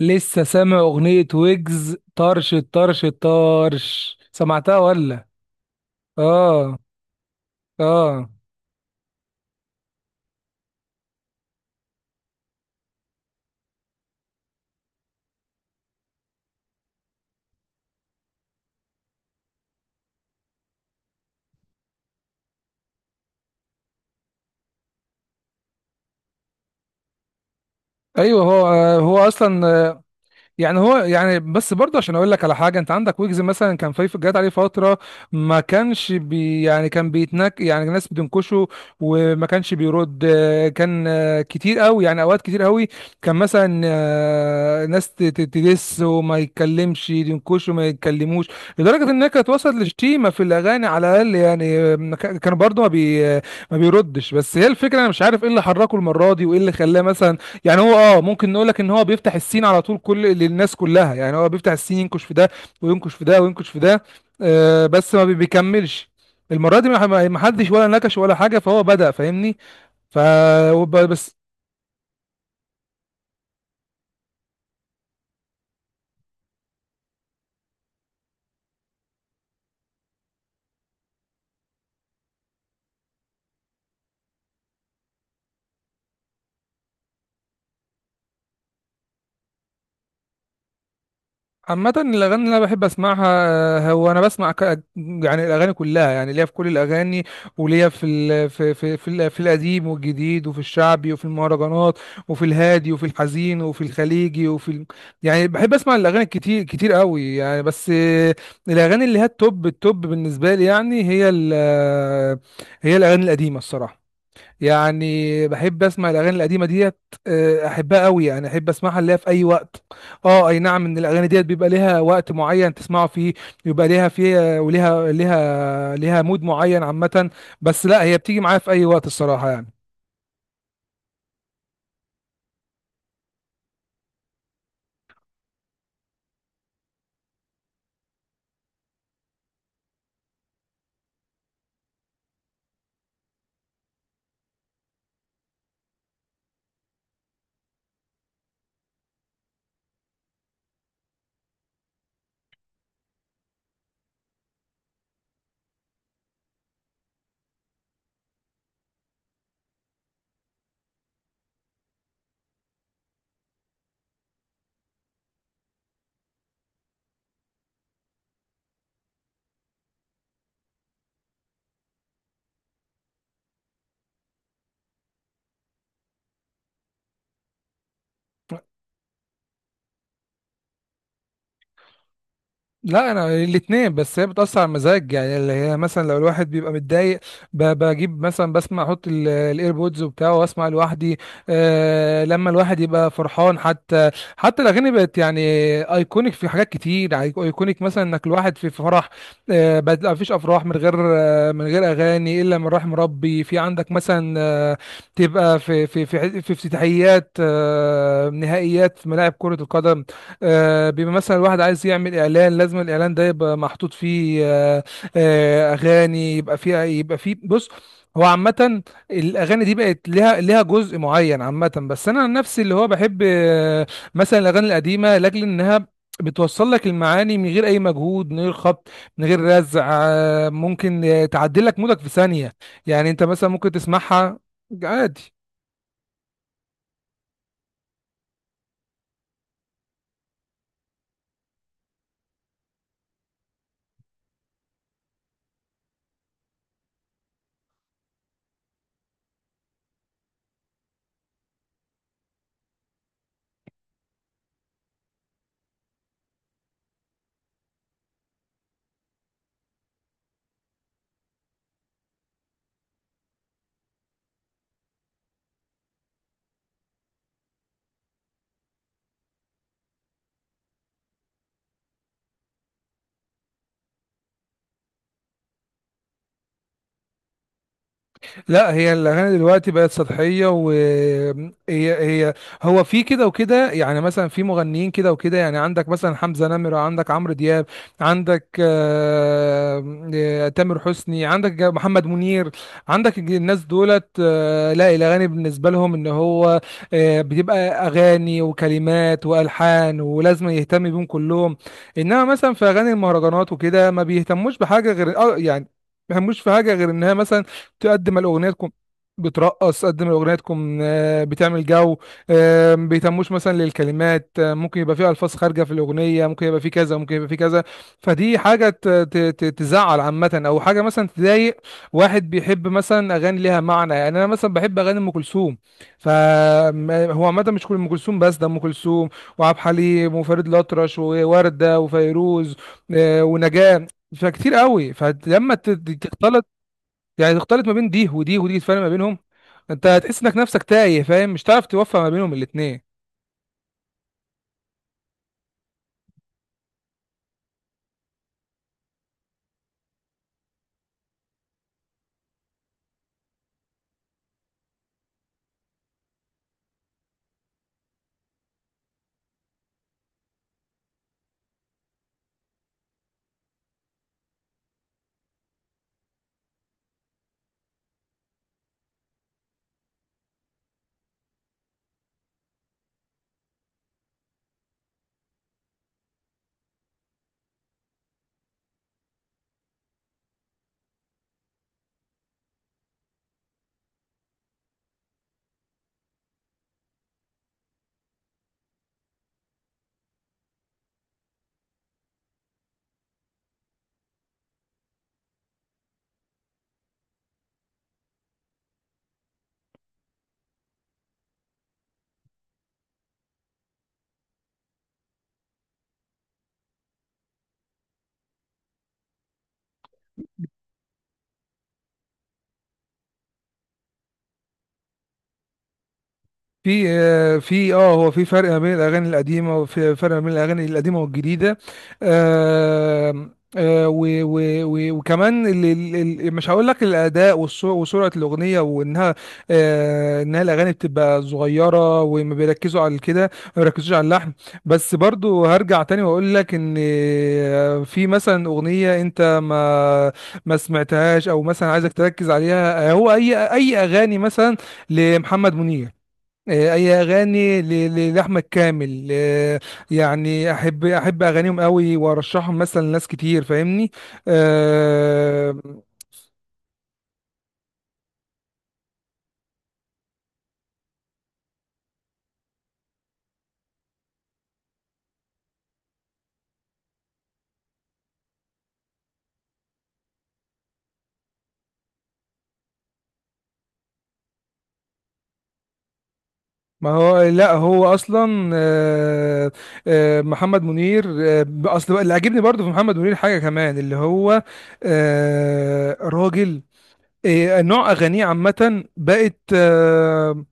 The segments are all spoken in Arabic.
لسه سامع أغنية ويجز طرش طرش طرش؟ سمعتها ولا؟ آه آه. أيوه. هو هو أصلا يعني هو يعني بس برضه عشان اقول لك على حاجه، انت عندك ويجز مثلا، كان جات عليه فتره ما كانش بي يعني كان بيتنك، يعني الناس بتنكشه وما كانش بيرد. كان كتير قوي، يعني اوقات كتير قوي. كان مثلا ناس تدس وما يتكلمش، ينكشه ما يتكلموش. لدرجه انها كانت وصلت لشتيمه في الاغاني على الاقل، يعني ما كان برضه ما بيردش. بس هي الفكره، انا مش عارف ايه اللي حركه المره دي وايه اللي خلاه. مثلا يعني هو اه، ممكن نقول لك ان هو بيفتح السين على طول للناس كلها، يعني هو بيفتح السين، ينكش في ده وينكش في ده وينكش في ده. آه بس ما بي- بيكملش المره دي. ما حدش ولا نكش ولا حاجه، فهو بدأ، فاهمني؟ ف بس. عامة الأغاني اللي أنا بحب أسمعها هو أنا يعني الأغاني كلها، يعني ليا في كل الأغاني وليا في في القديم والجديد، وفي الشعبي، وفي المهرجانات، وفي الهادي، وفي الحزين، وفي الخليجي، يعني بحب أسمع الأغاني كتير كتير قوي يعني. بس آه، الأغاني اللي هي التوب التوب بالنسبة لي يعني، هي ال... آه، هي الأغاني القديمة الصراحة. يعني بحب اسمع الاغاني القديمه ديت. آه، احبها قوي، يعني احب اسمعها اللي هي في اي وقت. اه اي نعم، ان الاغاني ديت بيبقى ليها وقت معين تسمعه فيه، يبقى ليها فيه، وليها ليها مود معين عامه. بس لا، هي بتيجي معايا في اي وقت الصراحه يعني. لا، انا الاثنين. بس هي بتاثر على المزاج، يعني اللي هي مثلا لو الواحد بيبقى متضايق، بجيب مثلا، بسمع، احط الايربودز وبتاعه، واسمع لوحدي. آه لما الواحد يبقى فرحان حتى. حتى الاغاني بقت يعني ايكونيك في حاجات كتير. ايكونيك مثلا، انك الواحد في فرح، آه، بقت لا مفيش افراح من غير آه، من غير اغاني، الا من رحم ربي. في عندك مثلا آه، تبقى في في افتتاحيات، آه نهائيات في ملاعب كرة القدم. آه، بيبقى مثلا الواحد عايز يعمل اعلان، لازم الاعلان ده يبقى محطوط فيه آه، آه، اغاني. يبقى فيه يبقى فيه، بص. هو عامة الأغاني دي بقت لها جزء معين عامة. بس أنا عن نفسي اللي هو بحب آه، مثلا الأغاني القديمة، لأجل إنها بتوصل لك المعاني من غير أي مجهود، من غير خبط، من غير رزع. آه، ممكن آه، تعدل لك مودك في ثانية. يعني أنت مثلا ممكن تسمعها عادي. لا، هي الاغاني دلوقتي بقت سطحيه، هو في كده وكده، يعني مثلا في مغنيين كده وكده. يعني عندك مثلا حمزه نمره، عندك عمرو دياب، عندك آه، آه، تامر حسني، عندك محمد منير، عندك الناس دولت آه، لا الاغاني بالنسبه لهم ان هو آه، بتبقى اغاني وكلمات والحان، ولازم يهتم بيهم كلهم. انما مثلا في اغاني المهرجانات وكده، ما بيهتموش بحاجه غير آه، يعني ما بيهتموش في حاجه غير انها مثلا تقدم الاغنيتكم، بترقص، تقدم اغنيتكم آه، بتعمل جو آه، ما بيهتموش مثلا للكلمات. آه، ممكن يبقى فيه الفاظ خارجه في الاغنيه، ممكن يبقى فيه كذا، ممكن يبقى فيه كذا. فدي حاجه تزعل عامه، او حاجه مثلا تضايق. واحد بيحب مثلا اغاني ليها معنى، يعني انا مثلا بحب اغاني ام كلثوم. فهو عامه مش كل ام كلثوم، بس ده ام كلثوم وعبد الحليم وفريد الأطرش ووردة وفيروز، آه، ونجاة. فكتير قوي، فلما تختلط يعني، تختلط ما بين دي ودي ودي، تفرق ما بينهم، انت هتحس انك نفسك تايه، فاهم؟ مش هتعرف توفق ما بينهم الاتنين. في آه، في اه هو في فرق ما بين الاغاني القديمه وفي فرق ما بين الاغاني القديمه والجديده. آه، آه، و وكمان ال مش هقول لك الاداء وسرعه الاغنيه وانها آه، انها الاغاني بتبقى صغيره، وما بيركزوا على كده، ما بيركزوش على اللحن. بس برضو هرجع تاني واقول لك ان آه، في مثلا اغنيه انت ما سمعتهاش، او مثلا عايزك تركز عليها. آه، هو اي اغاني مثلا لمحمد منير، آه، اي اغاني لاحمد كامل آه، يعني احب اغانيهم قوي، وارشحهم مثلا لناس كتير، فاهمني؟ آه، ما هو لا، هو اصلا آه، آه، محمد منير آه، اصل بقى اللي عاجبني برضو في محمد منير حاجه كمان، اللي هو آه، راجل آه، نوع اغانيه عامه بقت آه،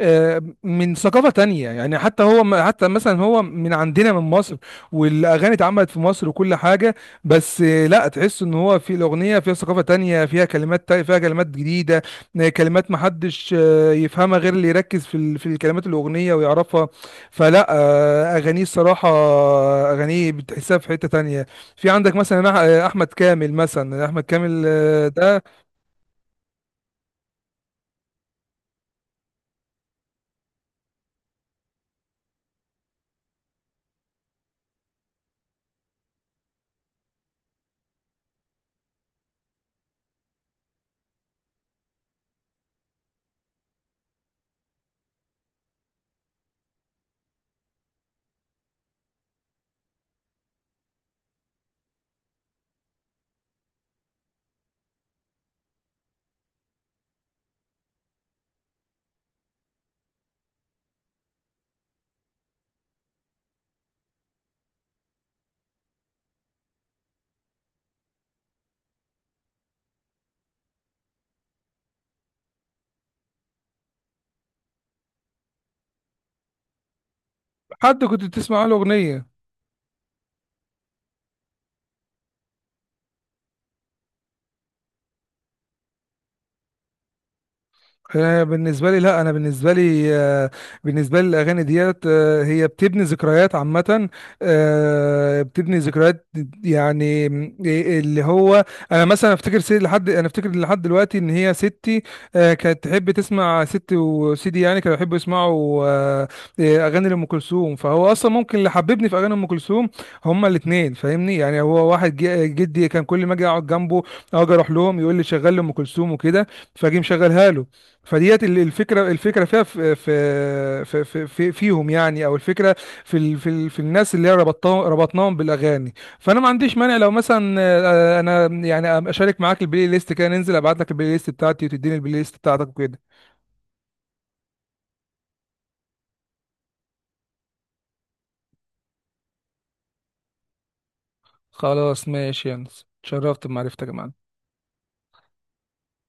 آه، من ثقافة تانية، يعني حتى هو حتى مثلا هو من عندنا من مصر، والأغاني اتعملت في مصر وكل حاجة. بس آه، لا تحس إن هو في الأغنية فيها ثقافة تانية، فيها كلمات فيها كلمات جديدة. آه، كلمات محدش آه، يفهمها غير اللي يركز في الكلمات الأغنية ويعرفها. فلا آه، أغانيه الصراحة آه، أغانيه بتحسها في حتة تانية. في عندك مثلا آه، أحمد كامل. مثلا أحمد كامل آه، ده حد كنت بتسمع له أغنية. آه، بالنسبه لي، لا انا بالنسبه لي آه، بالنسبه لي الاغاني ديت آه، هي بتبني ذكريات عامه. آه، بتبني ذكريات، يعني اللي هو انا مثلا افتكر سيدي لحد، انا افتكر لحد دلوقتي ان هي ستي آه، كانت تحب تسمع، ستي وسيدي يعني كانوا يحبوا يسمعوا آه، آه، اغاني لام كلثوم. فهو اصلا ممكن اللي حببني في اغاني ام كلثوم هما الاثنين، فاهمني؟ يعني هو واحد جدي كان كل ما اجي اقعد جنبه، أو اجي اروح لهم، يقول لي شغل لي ام كلثوم وكده، فاجي مشغلها له. فديت الفكره، الفكره فيها في في في في في- فيهم يعني، او الفكره في الناس اللي هي ربطناهم بالاغاني. فانا ما عنديش مانع لو مثلا آه، انا يعني اشارك معاك البلاي ليست كده، ننزل، ابعت لك البلاي ليست بتاعتي، وتديني البلاي ليست بتاعتك وكده. خلاص ماشي يا انس، اتشرفت بمعرفتك يا معلم.